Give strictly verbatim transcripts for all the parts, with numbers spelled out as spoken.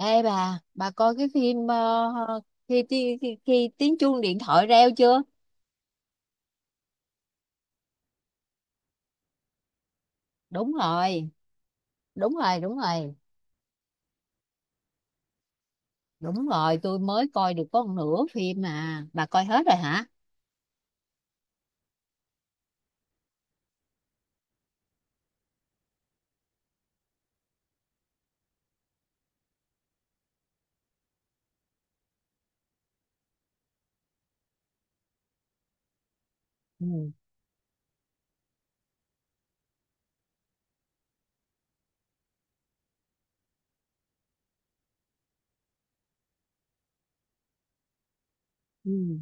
Ê bà, bà coi cái phim ờ, khi, ti- khi, khi tiếng chuông điện thoại reo chưa? Đúng rồi, đúng rồi, đúng rồi, đúng rồi, tôi mới coi được có một nửa phim mà. Bà coi hết rồi hả? Ừ. Ừ.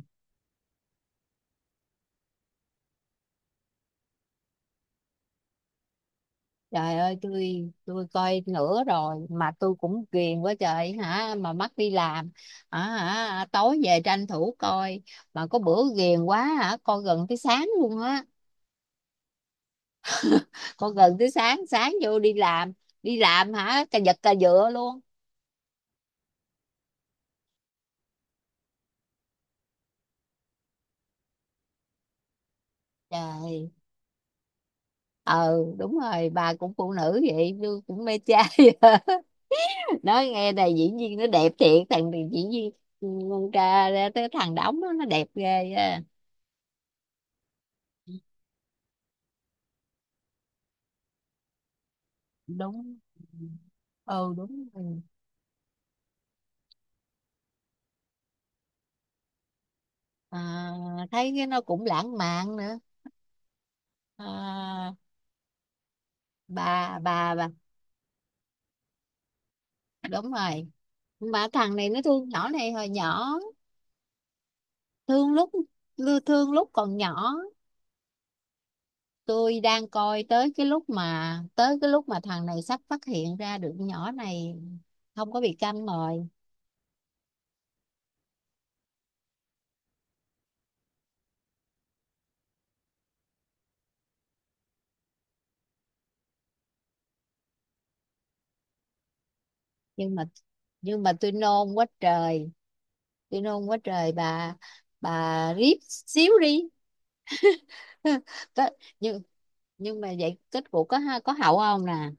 Trời ơi, tôi tôi coi nửa rồi mà tôi cũng ghiền quá trời hả, mà mắc đi làm. À, hả, tối về tranh thủ coi mà có bữa ghiền quá hả, coi gần tới sáng luôn á. Coi gần tới sáng, sáng vô đi làm, đi làm hả, cà giật cà dựa luôn. Trời, ừ, đúng rồi, bà cũng phụ nữ vậy tôi cũng mê trai. Nói nghe này, diễn viên nó đẹp thiệt, thằng diễn viên con tra ra tới thằng đóng đó, nó đẹp ghê á. Đúng, ừ, đúng rồi. À, thấy cái nó cũng lãng mạn nữa. À, bà bà bà, đúng rồi, mà thằng này nó thương nhỏ này hồi nhỏ, thương lúc thương lúc còn nhỏ. Tôi đang coi tới cái lúc mà tới cái lúc mà thằng này sắp phát hiện ra được nhỏ này không có bị câm rồi. Nhưng mà, nhưng mà tôi nôn quá trời, tôi nôn quá trời bà bà riết xíu đi. Có- nhưng nhưng mà vậy kết cục có ha- có hậu không nè?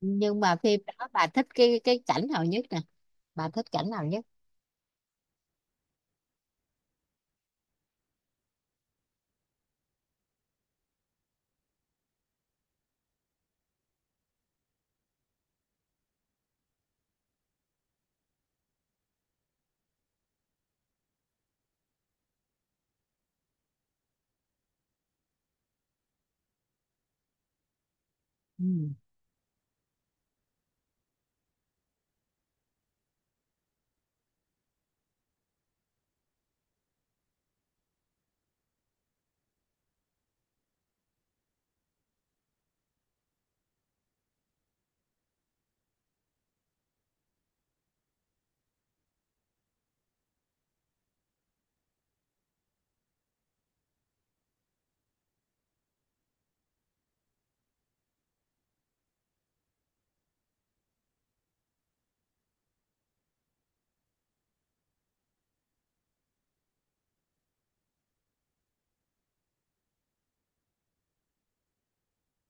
Nhưng mà phim đó bà thích cái cái cảnh nào nhất nè, bà thích cảnh nào nhất? Ừ.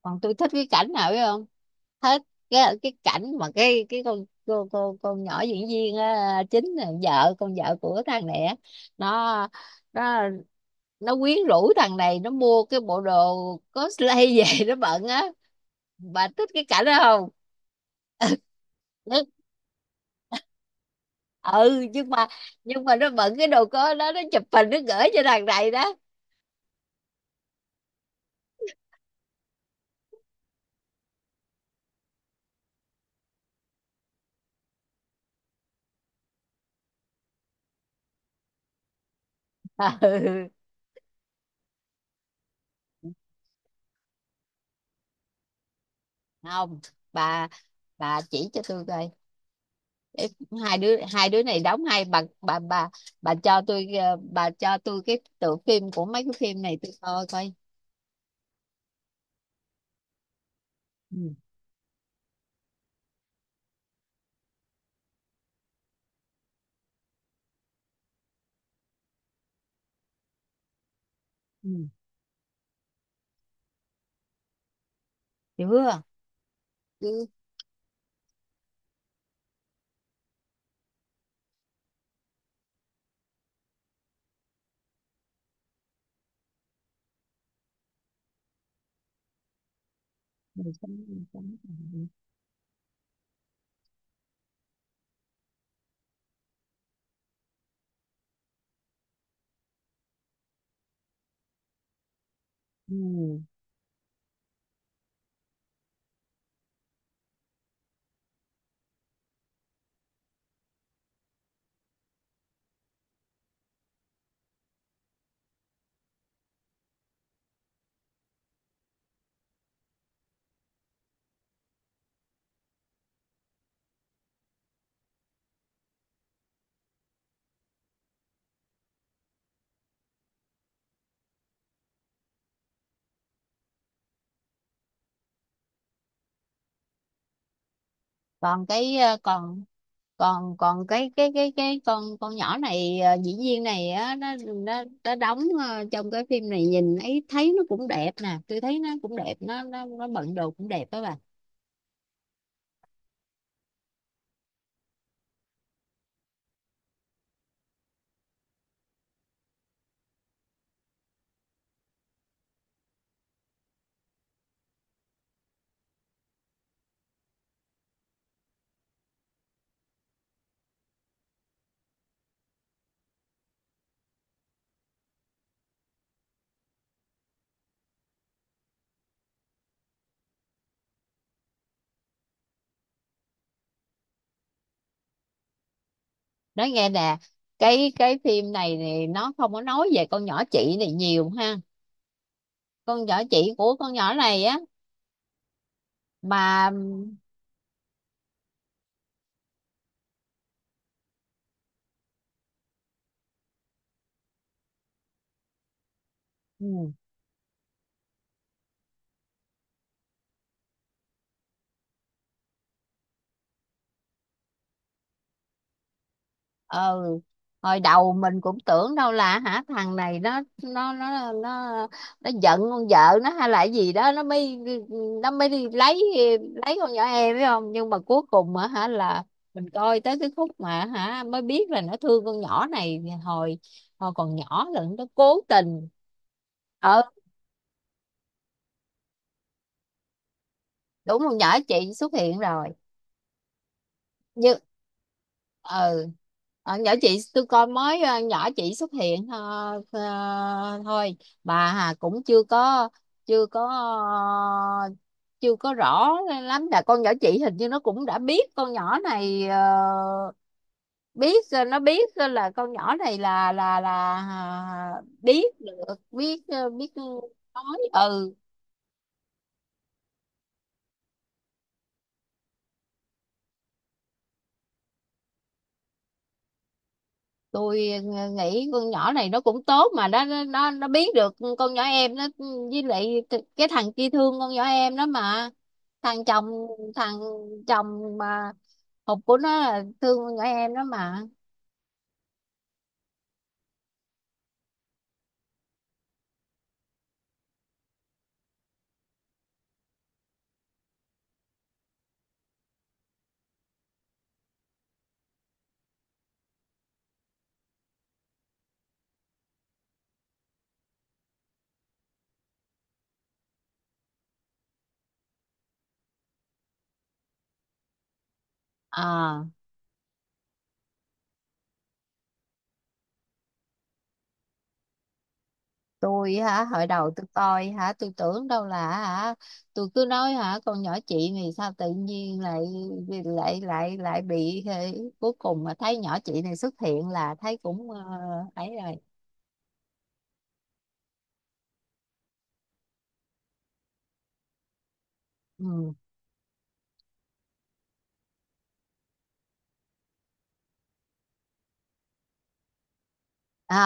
Còn tôi thích cái cảnh nào biết không? Thích cái cái cảnh mà cái cái con cô cô con nhỏ diễn viên á, chính là vợ con vợ của thằng này á, nó nó nó quyến rũ thằng này, nó mua cái bộ đồ cosplay về nó bận á. Bà thích cái cảnh đó không? Nó- ừ, nhưng mà nhưng mà nó bận cái đồ có đó nó chụp hình nó gửi cho thằng này đó. Ừ. Không, bà bà chỉ cho tôi coi, hai đứa hai đứa này đóng hay bà. Bà bà bà, cho tôi ờ, bà cho tôi cái tựa phim của mấy cái phim này tôi coi coi. Ừ. Ừ. Chưa chứ. Ừ. còn cái ờ, còn còn còn cái cái cái cái con con nhỏ này, ờ, diễn viên này á, nó nó nó đóng ờ, trong cái phim này nhìn ấy thấy nó cũng đẹp nè, tôi thấy nó cũng đẹp, nó nó nó bận đồ cũng đẹp đó bà. Nói nghe nè, cái cái phim này thì nó không có nói về con nhỏ chị này nhiều ha, con nhỏ chị của con nhỏ này á, mà ừ, ờ, hồi đầu mình cũng tưởng đâu là hả thằng này nó nó nó nó nó giận con vợ nó hay là cái gì đó nó mới nó mới đi lấy lấy con nhỏ em phải không, nhưng mà cuối cùng á hả là mình coi tới cái khúc mà hả mới biết là nó thương con nhỏ này hồi hồi còn nhỏ, là nó cố tình. Ờ, đúng, con nhỏ chị xuất hiện rồi. Như, ừ. Ờ, nhỏ chị tôi coi mới ờ, nhỏ chị xuất hiện, ờ, ờ, thôi, bà Hà cũng chưa có chưa có ờ, chưa có rõ lắm là con nhỏ chị hình như nó cũng đã biết con nhỏ này, ờ, biết, ờ, nó biết, ờ, là con nhỏ này là là là à, biết được biết ờ, biết nói. Ừ, tôi ờ, nghĩ con nhỏ này nó cũng tốt mà nó nó nó nó biết được con nhỏ em nó, với lại th- cái thằng kia thương con nhỏ em đó mà, thằng chồng thằng chồng mà hụt của nó là thương con nhỏ em đó mà. À, tôi hả, hồi đầu tôi coi hả, tôi tưởng đâu là hả, tôi cứ nói hả, con nhỏ chị này sao tự nhiên lại lại lại lại bị thế. Cuối cùng mà thấy nhỏ chị này xuất hiện là thấy cũng ờ, ấy rồi. Ừ. Ờ.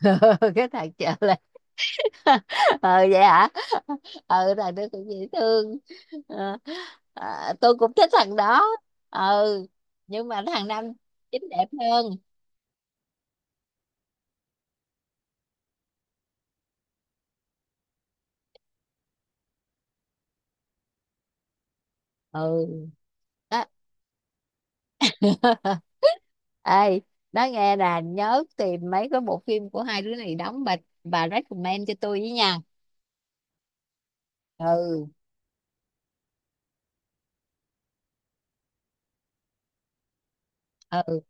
Cái thằng chợ là. Ừ, vậy hả, ờ, thằng đó cũng dễ thương. Ờ, à, tôi cũng thích thằng đó. Ừ, nhưng mà thằng nam chính đẹp hơn. Ừ. Đó. Ê, nói nghe nè, nhớ tìm mấy cái bộ phim của hai đứa này đóng bà bà recommend cho tôi với nha. Ừ, ừ,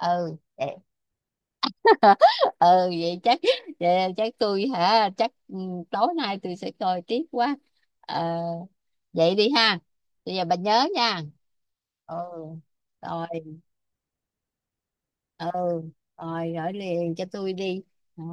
ừ. Ừ, vậy chắc, vậy chắc tôi hả, chắc ừ, tối nay tôi sẽ coi tiếp quá. Ờ, vậy đi ha, bây giờ bà nhớ nha. Ừ. Rồi. Ừ. Rồi gửi liền cho tôi đi. Ờ.